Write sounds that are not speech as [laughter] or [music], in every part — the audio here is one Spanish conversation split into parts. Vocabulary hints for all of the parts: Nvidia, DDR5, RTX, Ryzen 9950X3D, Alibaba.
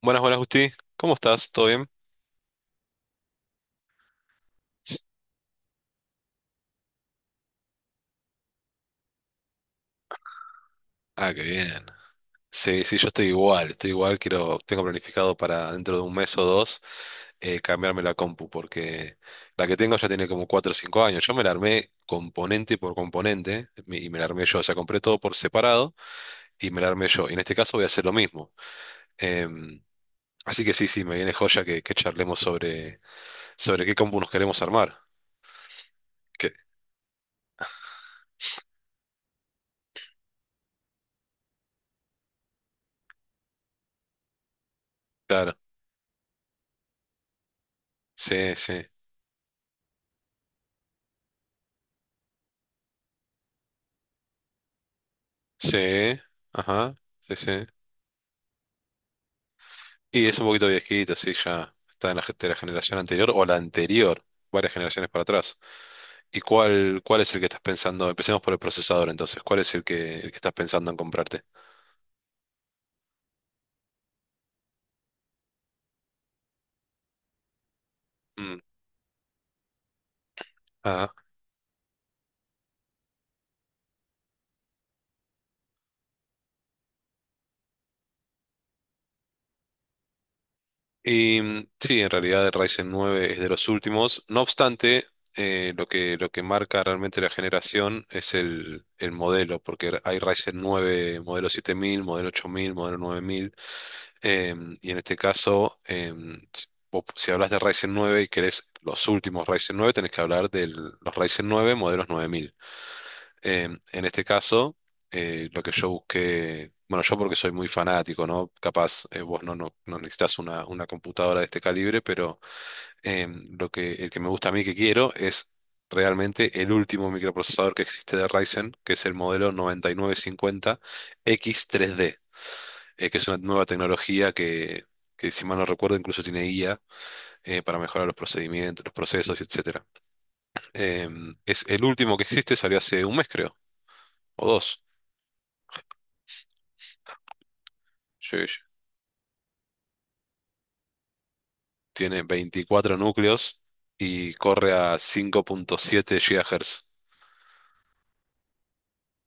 Buenas, buenas, Justi. ¿Cómo estás? ¿Todo bien? S- Ah, qué bien. Sí, sí, yo estoy igual, estoy igual. Tengo planificado para dentro de un mes o dos cambiarme la compu, porque la que tengo ya tiene como 4 o 5 años. Yo me la armé componente por componente y me la armé yo. O sea, compré todo por separado y me la armé yo. Y en este caso voy a hacer lo mismo. Em, así que sí, sí, me viene joya que charlemos sobre qué compu nos queremos armar. Que, claro. Sí, sí. Sí. Ajá. Sí, sí. Y es un poquito viejito, sí, ya está en de la generación anterior o la anterior, varias generaciones para atrás. ¿Y cuál es el que estás pensando? Empecemos por el procesador entonces. ¿Cuál es el que estás pensando en comprarte? Mm, ajá. Y mm, sí, en realidad el Ryzen 9 es de los últimos. No obstante, lo que marca realmente la generación es el modelo, porque hay Ryzen 9 modelo 7000, modelo 8000, modelo 9000. Y en este caso, si hablas de Ryzen 9 y querés los últimos Ryzen 9, tenés que hablar de los Ryzen 9 modelos 9000. En este caso, lo que yo busqué, bueno, yo porque soy muy fanático, ¿no? Capaz vos no, no, no necesitas una computadora de este calibre, pero el que me gusta a mí que quiero es realmente el último microprocesador que existe de Ryzen, que es el modelo 9950X3D que es una nueva tecnología que, si mal no recuerdo, incluso tiene IA para mejorar los procedimientos, los procesos, etcétera. Es el último que existe, salió hace un mes, creo, o dos. Sí, sí. Tiene veinticuatro núcleos y corre a cinco punto siete GHz.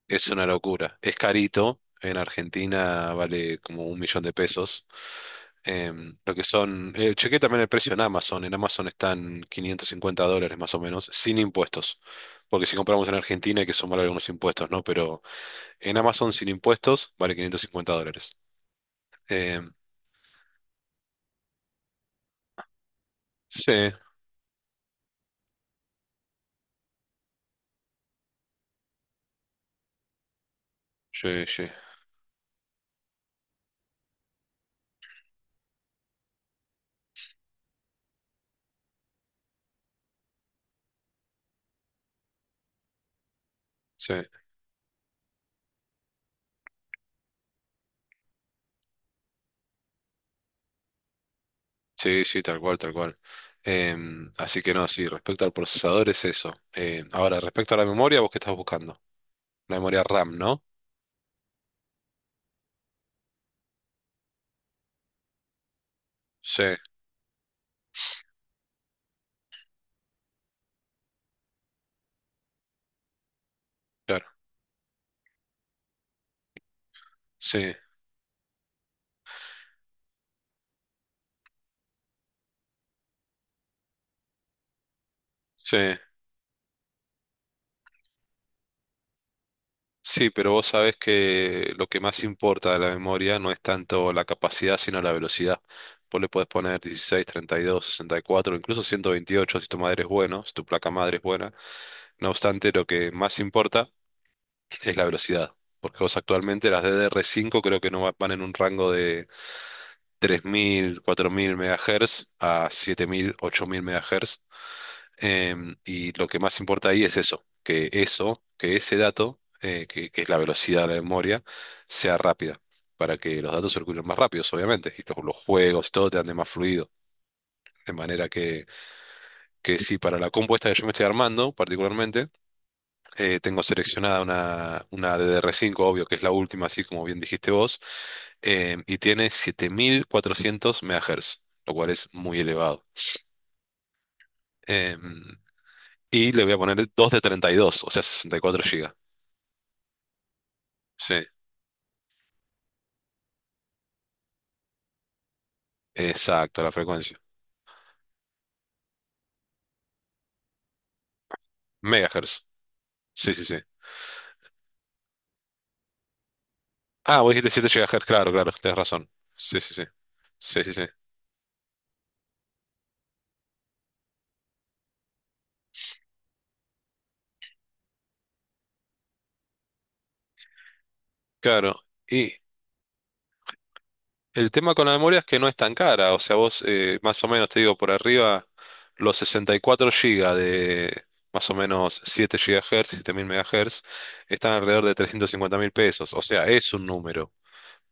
Es una locura. Es carito. En Argentina vale como un millón de pesos. Chequé también el precio en Amazon. En Amazon están $550 más o menos, sin impuestos. Porque si compramos en Argentina hay que sumar algunos impuestos, ¿no? Pero en Amazon sin impuestos vale $550. Em, sí, sí, sí, sí, sí, sí, tal cual, tal cual. Así que no, sí, respecto al procesador es eso. Ahora, respecto a la memoria, ¿vos qué estás buscando? La memoria RAM, ¿no? Sí, claro, sí, sí. Sí, pero vos sabés que lo que más importa de la memoria no es tanto la capacidad, sino la velocidad. Vos le podés poner 16, 32, 64, incluso 128 si tu madre es bueno, si tu placa madre es buena. No obstante, lo que más importa es la velocidad, porque vos actualmente las DDR5 creo que no va- van en un rango de 3000, 4000 MHz a 7000, 8000 MHz. Y lo que más importa ahí es eso, que ese dato, que es la velocidad de la memoria, sea rápida, para que los datos circulen más rápidos, obviamente, y los juegos, todo te ande más fluido. De manera que sí, para la compuesta que yo me estoy armando, particularmente, tengo seleccionada una ddr cinco, obvio, que es la última, así como bien dijiste vos, y tiene 7400 MHz, lo cual es muy elevado. Em, y le voy a poner 2 de 32, o sea, 64 GB. Sí, exacto, la frecuencia. Megahertz. Sí, sí, sí. Ah, vos dijiste 7 gigahertz, claro, claro, tenés razón. Sí, sí, sí. Sí, sí, sí. Claro. Y el tema con la memoria es que no es tan cara. O sea, vos más o menos, te digo, por arriba, los 64 gigas de más o menos 7 GHz, mil megahertz, están alrededor de 350 mil pesos. O sea, es un número.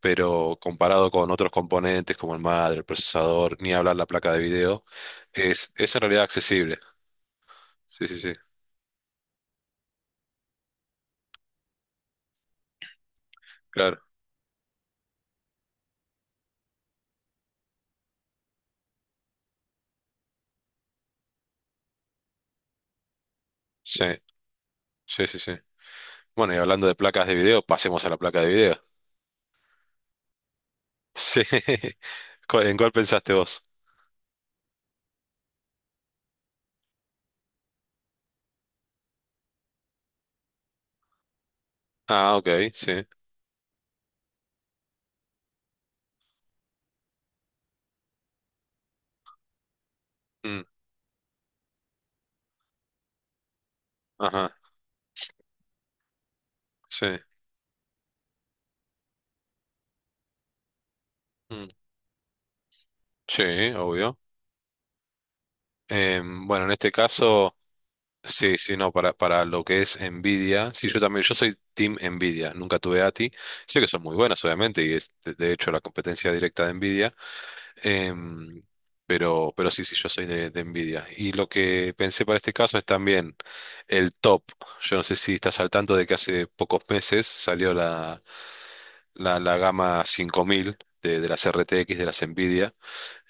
Pero comparado con otros componentes como el madre, el procesador, ni hablar la placa de video, es en realidad accesible. Sí, sí, sí. Claro, sí, sí, sí, sí. Bueno, y hablando de placas de video, pasemos a la placa de video. [laughs] Sí. ¿En cuál pensaste vos? Ah, ok, sí. Mm, ajá, sí. Mm, sí, obvio. Bueno, en este caso, sí, sí, no, para lo que es Nvidia, sí, yo también, yo soy Team Nvidia, nunca tuve ATI. Sé que son muy buenas, obviamente, y es de hecho la competencia directa de Nvidia. Em, pero sí, sí, yo soy de Nvidia. Y lo que pensé para este caso es también el top. Yo no sé si estás al tanto de que hace pocos meses salió la gama 5000 de las RTX de las Nvidia.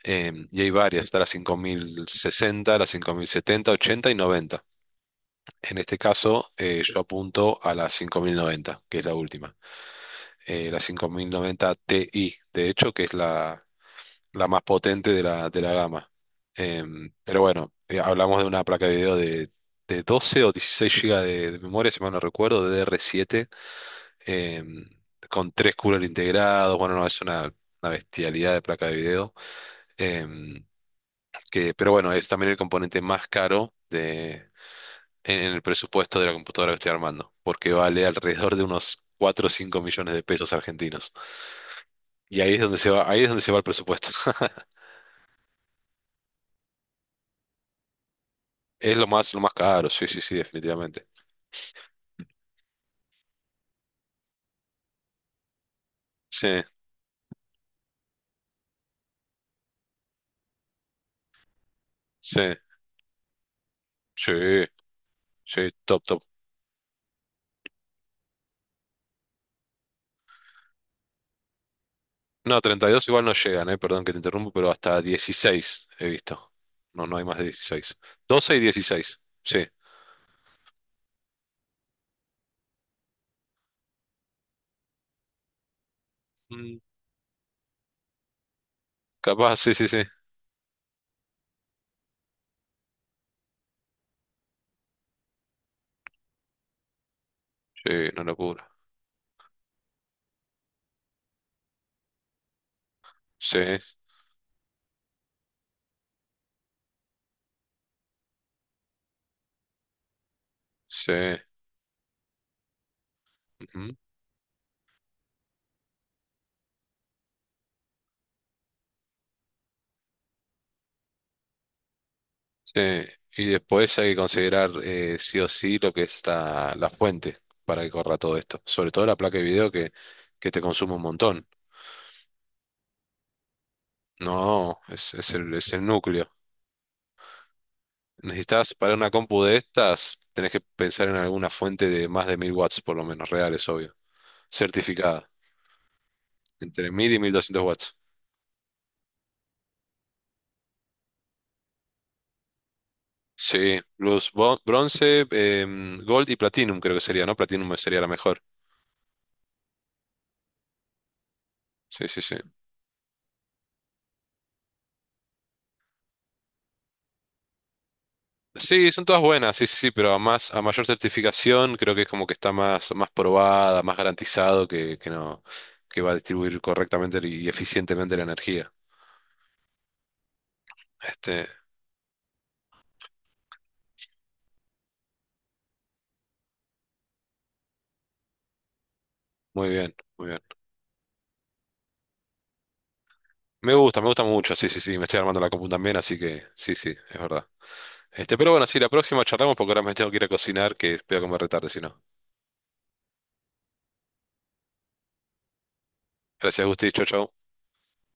Y hay varias, está la 5060, la 5070, 80 y 90. En este caso, yo apunto a la 5090, que es la última. La 5090 Ti, de hecho, que es la la más potente de de la gama. Pero bueno, hablamos de una placa de video de 12 o 16 GB de memoria, si mal no recuerdo, de DDR7, em, con tres coolers integrados. Bueno, no, es una bestialidad de placa de video. em, pero bueno, es también el componente más caro en el presupuesto de la computadora que estoy armando, porque vale alrededor de unos 4 o 5 millones de pesos argentinos. Y ahí es donde se va, ahí es donde se va el presupuesto. [laughs] Es lo más caro, sí, sí, sí, definitivamente. Sí, sí, sí, sí, top, top. No, 32 igual no llegan, perdón que te interrumpo, pero hasta 16 he visto. No, no hay más de 16. 12 y 16, sí. Mm, capaz, sí, sí, sí. Sí, una locura. Sí, sí, ujú, sí. Y después hay que considerar sí o sí lo que es la fuente para que corra todo esto. Sobre todo la placa de video que te consume un montón. No, es es el núcleo. Necesitas para una compu de estas, tenés que pensar en alguna fuente de más de 1000 watts, por lo menos, reales, obvio. Certificada. Entre 1000 y 1200 watts. Sí, bronce, em, gold y platinum creo que sería, ¿no? Platinum sería la mejor. Sí, sí, sí. Sí, son todas buenas, sí, sí, sí, pero a mayor certificación creo que es como que está más, más probada, más garantizado que no, que va a distribuir correctamente y eficientemente la energía. Este, muy bien, muy bien. Me gusta mucho, sí, sí, sí, me estoy armando la compu también, así que sí, sí, es verdad. Este, pero bueno, sí, la próxima charlamos porque ahora me tengo que ir a cocinar, que voy a comer retarde, si no. Gracias, Gusti, chau, chau.